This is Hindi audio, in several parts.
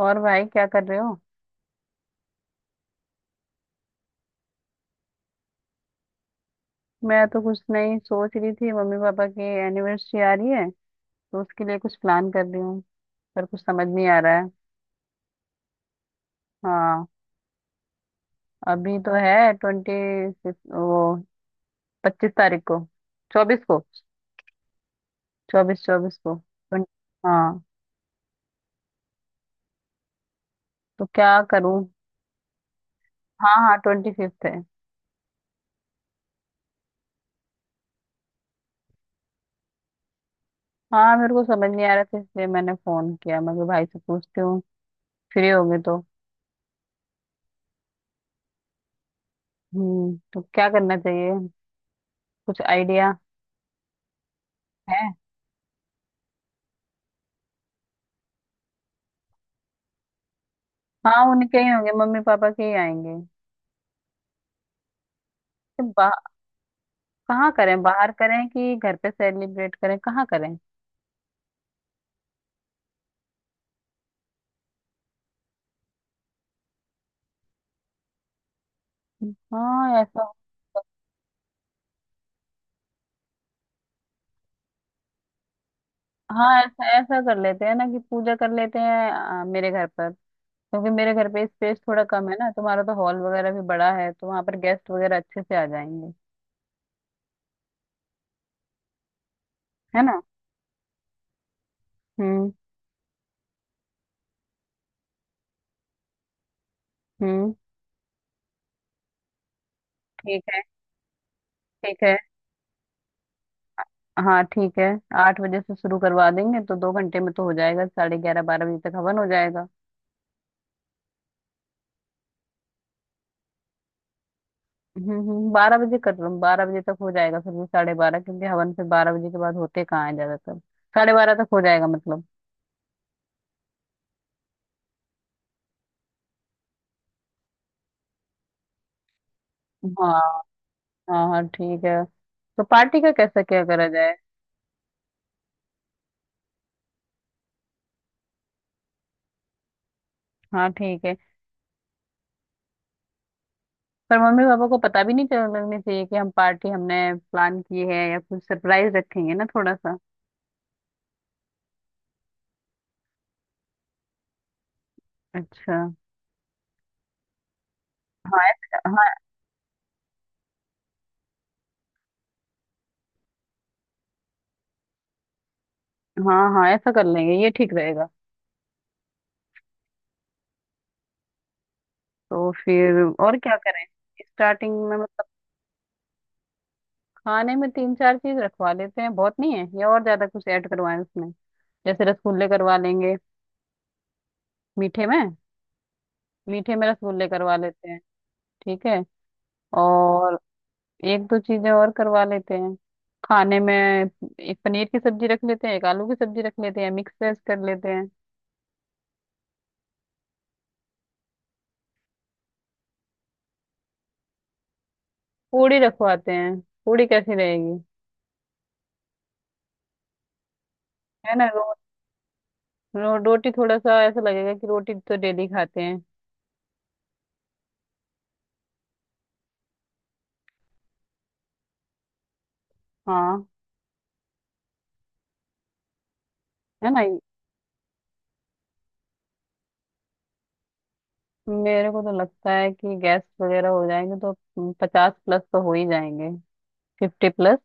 और भाई क्या कर रहे हो? मैं तो कुछ नहीं सोच रही थी। मम्मी पापा की एनिवर्सरी आ रही है, तो उसके लिए कुछ प्लान कर रही हूँ, पर कुछ समझ नहीं आ रहा है। हाँ, अभी तो है ट्वेंटी सिक्स, वो 25 तारीख को, 24 को, चौबीस चौबीस को 20। हाँ, तो क्या करूँ। हाँ हाँ, ट्वेंटी फिफ्थ है। हाँ, मेरे को समझ नहीं आ रहा था, इसलिए मैंने फोन किया। मैं कहा, भाई से पूछती हूँ, फ्री होंगे तो। तो क्या करना चाहिए, कुछ आइडिया है। हाँ, उनके ही होंगे, मम्मी पापा के ही आएंगे। तो कहाँ करें? बाहर करें कि घर पे सेलिब्रेट करें? कहाँ करें? हाँ ऐसा। हाँ, ऐसा ऐसा कर लेते हैं ना कि पूजा कर लेते हैं, मेरे घर पर। क्योंकि मेरे घर पे स्पेस थोड़ा कम है ना, तुम्हारा तो हॉल वगैरह भी बड़ा है, तो वहां पर गेस्ट वगैरह अच्छे से आ जाएंगे, है ना। हम्म हम्म। ठीक है, ठीक है, हाँ ठीक है। 8 बजे से शुरू करवा देंगे तो 2 घंटे में तो हो जाएगा, साढ़े ग्यारह 12 बजे तक हवन हो जाएगा। 12 बजे कर लो, 12 बजे तक हो जाएगा फिर भी, साढ़े बारह, क्योंकि हवन फिर 12 बजे के बाद होते कहाँ है ज्यादातर। साढ़े बारह तक हो जाएगा मतलब। हाँ हाँ हाँ, ठीक है। तो पार्टी का कैसा क्या करा जाए? हाँ ठीक है। पर मम्मी पापा को पता भी नहीं चल लगनी चाहिए कि हम पार्टी हमने प्लान की है, या कुछ सरप्राइज रखेंगे ना थोड़ा सा। अच्छा, हाँ ऐसा। हाँ हाँ हाँ, ऐसा कर लेंगे, ये ठीक रहेगा। तो फिर और क्या करें, स्टार्टिंग में मतलब। खाने में तीन चार चीज रखवा लेते हैं, बहुत नहीं है या और ज्यादा कुछ ऐड करवाएं उसमें? जैसे रसगुल्ले करवा लेंगे, मीठे में। मीठे में रसगुल्ले करवा लेते हैं, ठीक है। और एक दो चीजें और करवा लेते हैं। खाने में एक पनीर की सब्जी रख लेते हैं, एक आलू की सब्जी रख लेते हैं, मिक्स वेज कर लेते हैं। पूड़ी रखवाते हैं, पूड़ी कैसी रहेगी? है ना, रो, रो, रोटी थोड़ा सा ऐसा लगेगा कि रोटी तो डेली खाते हैं। हाँ, है ना। मेरे को तो लगता है कि गैस वगैरह हो जाएंगे तो 50 प्लस तो हो ही जाएंगे। Fifty plus.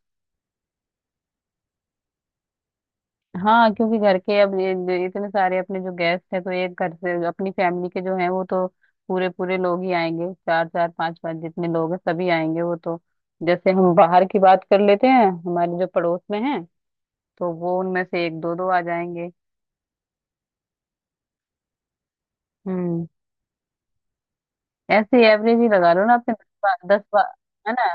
हाँ, क्योंकि घर के अब ये इतने सारे अपने जो गेस्ट हैं, तो एक घर से जो अपनी फैमिली के जो हैं वो तो पूरे पूरे लोग ही आएंगे, चार चार पांच पांच जितने लोग हैं सभी आएंगे वो तो। जैसे हम बाहर की बात कर लेते हैं, हमारे जो पड़ोस में हैं तो वो उनमें से एक दो दो आ जाएंगे। हम्म ऐसे एवरेज ही लगा लो ना अपने है ना।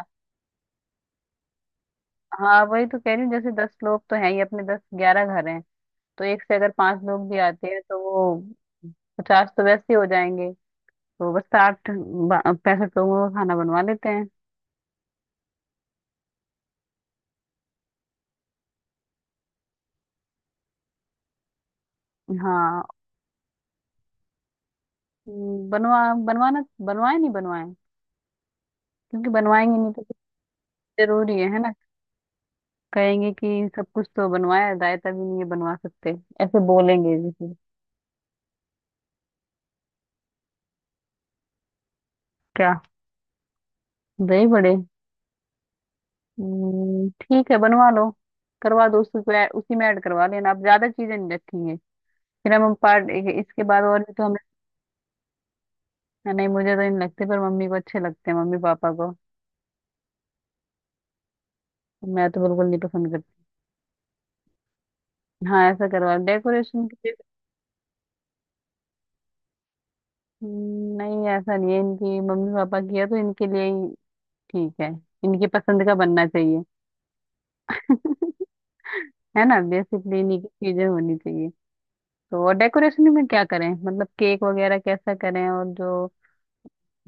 हाँ वही तो कह रही हूँ, जैसे दस लोग तो हैं ही, अपने दस ग्यारह घर हैं, तो एक से अगर पांच लोग भी आते हैं तो वो 50 तो वैसे ही हो जाएंगे। तो बस 65 लोगों का खाना बनवा लेते हैं। हाँ। हम्म, बनवा बनवाना, बनवाए नहीं बनवाए, क्योंकि बनवाएंगे नहीं तो कुछ। जरूरी है ना। कहेंगे कि सब कुछ तो बनवाया, रायता भी नहीं है बनवा सकते। ऐसे बोलेंगे जैसे। क्या? दही बड़े। ठीक है, बनवा लो। करवा दो, उसी को उसी में ऐड करवा लेना। आप ज्यादा चीजें नहीं रखेंगे, फिर हम पार्ट, इसके बाद और भी तो हमें। नहीं, मुझे तो नहीं लगते, पर मम्मी को अच्छे लगते हैं, मम्मी पापा को। मैं तो बिल्कुल नहीं पसंद करती। हाँ ऐसा करवा डेकोरेशन। नहीं ऐसा नहीं है, इनकी मम्मी पापा किया तो इनके लिए ही, ठीक है, इनकी पसंद का बनना चाहिए। है ना, बेसिकली इन्हीं की चीजें होनी चाहिए। तो और डेकोरेशन में क्या करें, मतलब केक वगैरह कैसा करें, और जो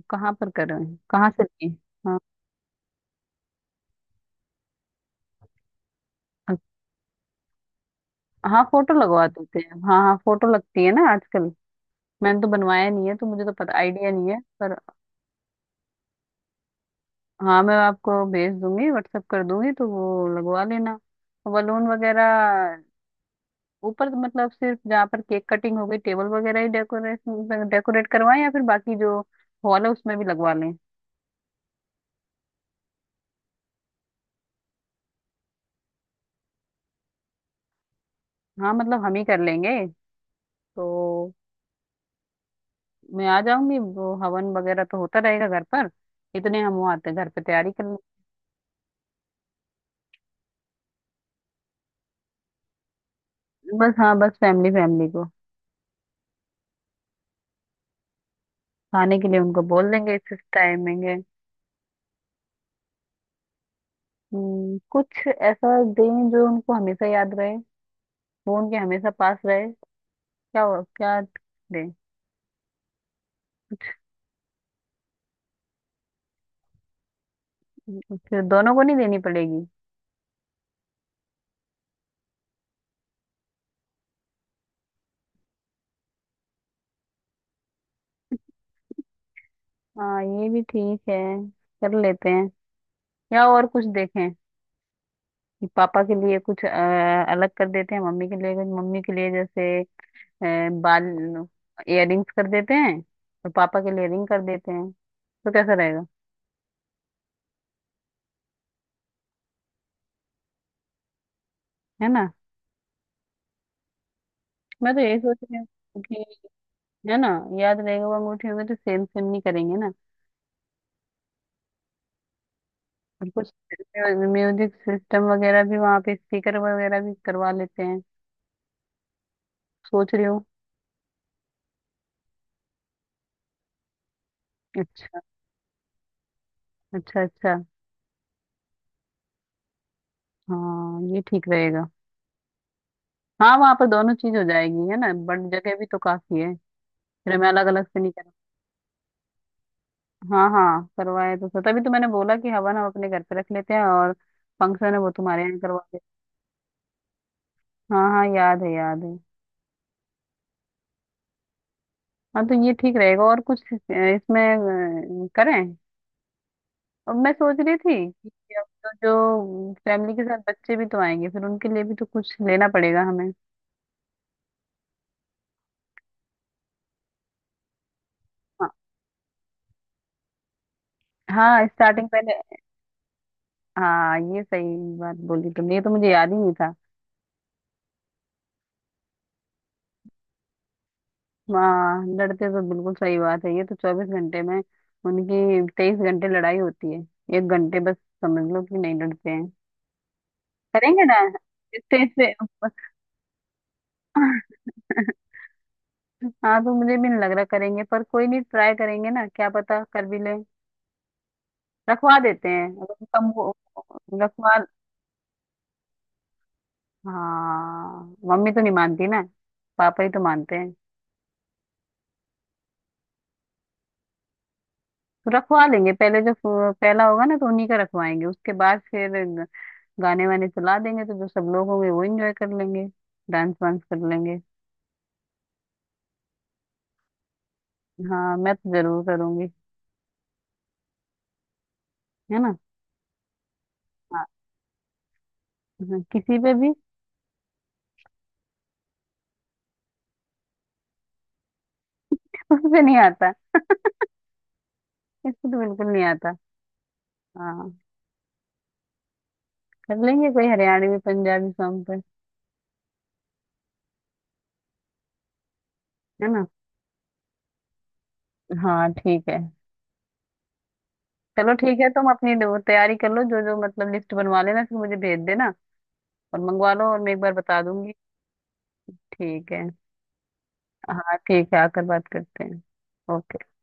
कहाँ पर करें, कहाँ से लें? हाँ। अच्छा, हाँ फोटो लगवा देते हैं। हाँ हाँ, फोटो लगती है ना आजकल। मैंने तो बनवाया नहीं है, तो मुझे तो पता आइडिया नहीं है पर। हाँ मैं आपको भेज दूंगी, व्हाट्सएप कर दूंगी, तो वो लगवा लेना। बलून वगैरह ऊपर, मतलब सिर्फ जहाँ पर केक कटिंग हो, गई टेबल वगैरह ही डेकोरेट डेकोरेट करवाएं, या फिर बाकी जो हॉल है उसमें भी लगवा लें। हाँ, मतलब हम ही कर लेंगे तो। मैं आ जाऊंगी, वो हवन वगैरह तो होता रहेगा घर पर, इतने हम वो आते हैं घर पे, तैयारी कर लें। बस। हाँ बस, फैमिली फैमिली को। खाने के लिए उनको बोल देंगे, इस टाइमिंग है। कुछ ऐसा दें जो उनको हमेशा याद रहे, वो उनके हमेशा पास रहे। क्या क्या दें? फिर दोनों को नहीं देनी पड़ेगी? हाँ ये भी ठीक है, कर लेते हैं। या और कुछ देखें कि पापा के लिए कुछ अलग कर देते हैं, मम्मी के लिए कुछ, मम्मी के लिए जैसे अ, बाल इयररिंग्स कर देते हैं, और पापा के लिए रिंग कर देते हैं, तो कैसा रहेगा, है ना। मैं तो यही सोच रही हूँ कि, है ना, याद रहेगा, वो अंगूठी होगी तो सेम सेम नहीं करेंगे ना। और कुछ म्यूजिक सिस्टम वगैरह भी वहाँ पे, स्पीकर वगैरह भी करवा लेते हैं, सोच रही हूँ। अच्छा अच्छा अच्छा। हाँ ये ठीक रहेगा। हाँ, वहां पर दोनों चीज हो जाएगी है ना, बट जगह भी तो काफी है। फिर हमें अलग अलग से नहीं करना। हाँ हाँ, करवाए तो सर, तभी तो मैंने बोला कि हवन हम अपने घर पे रख लेते हैं, और फंक्शन है वो तुम्हारे यहाँ करवा दे। हाँ हाँ, याद है, याद है। हाँ तो ये ठीक रहेगा। और कुछ इसमें करें? और मैं सोच रही थी कि अब तो जो फैमिली के साथ बच्चे भी तो आएंगे, फिर उनके लिए भी तो कुछ लेना पड़ेगा हमें। हाँ, हाँ स्टार्टिंग पहले। हाँ ये सही बात बोली तुमने, ये तो मुझे याद ही नहीं था। हाँ, लड़ते तो बिल्कुल सही बात है, ये तो 24 घंटे में उनकी 23 घंटे लड़ाई होती है, 1 घंटे बस समझ लो कि नहीं लड़ते हैं। करेंगे ना, स्टेज पे। हाँ तो मुझे भी नहीं लग रहा करेंगे, पर कोई नहीं, ट्राई करेंगे ना, क्या पता कर भी ले। रखवा देते हैं, अगर कम हो। रखवा। हाँ, मम्मी तो नहीं मानती ना, पापा ही तो मानते हैं। रखवा लेंगे पहले, जो पहला होगा ना तो उन्हीं का रखवाएंगे, उसके बाद फिर गाने वाने चला देंगे, तो जो सब लोग होंगे वो एंजॉय कर लेंगे, डांस वांस कर लेंगे। हाँ मैं तो जरूर करूंगी, है ना। हाँ हाँ, किसी पे भी। उससे नहीं आता, इसको तो बिल्कुल नहीं आता। हाँ, कर लेंगे कोई हरियाणवी पंजाबी सॉन्ग पे। है ना। हाँ ठीक है। चलो ठीक है, तुम अपनी वो तैयारी कर लो, जो जो मतलब लिस्ट बनवा लेना फिर मुझे भेज देना, और मंगवा लो और मैं एक बार बता दूंगी। ठीक है। हाँ ठीक है, आकर बात करते हैं। ओके।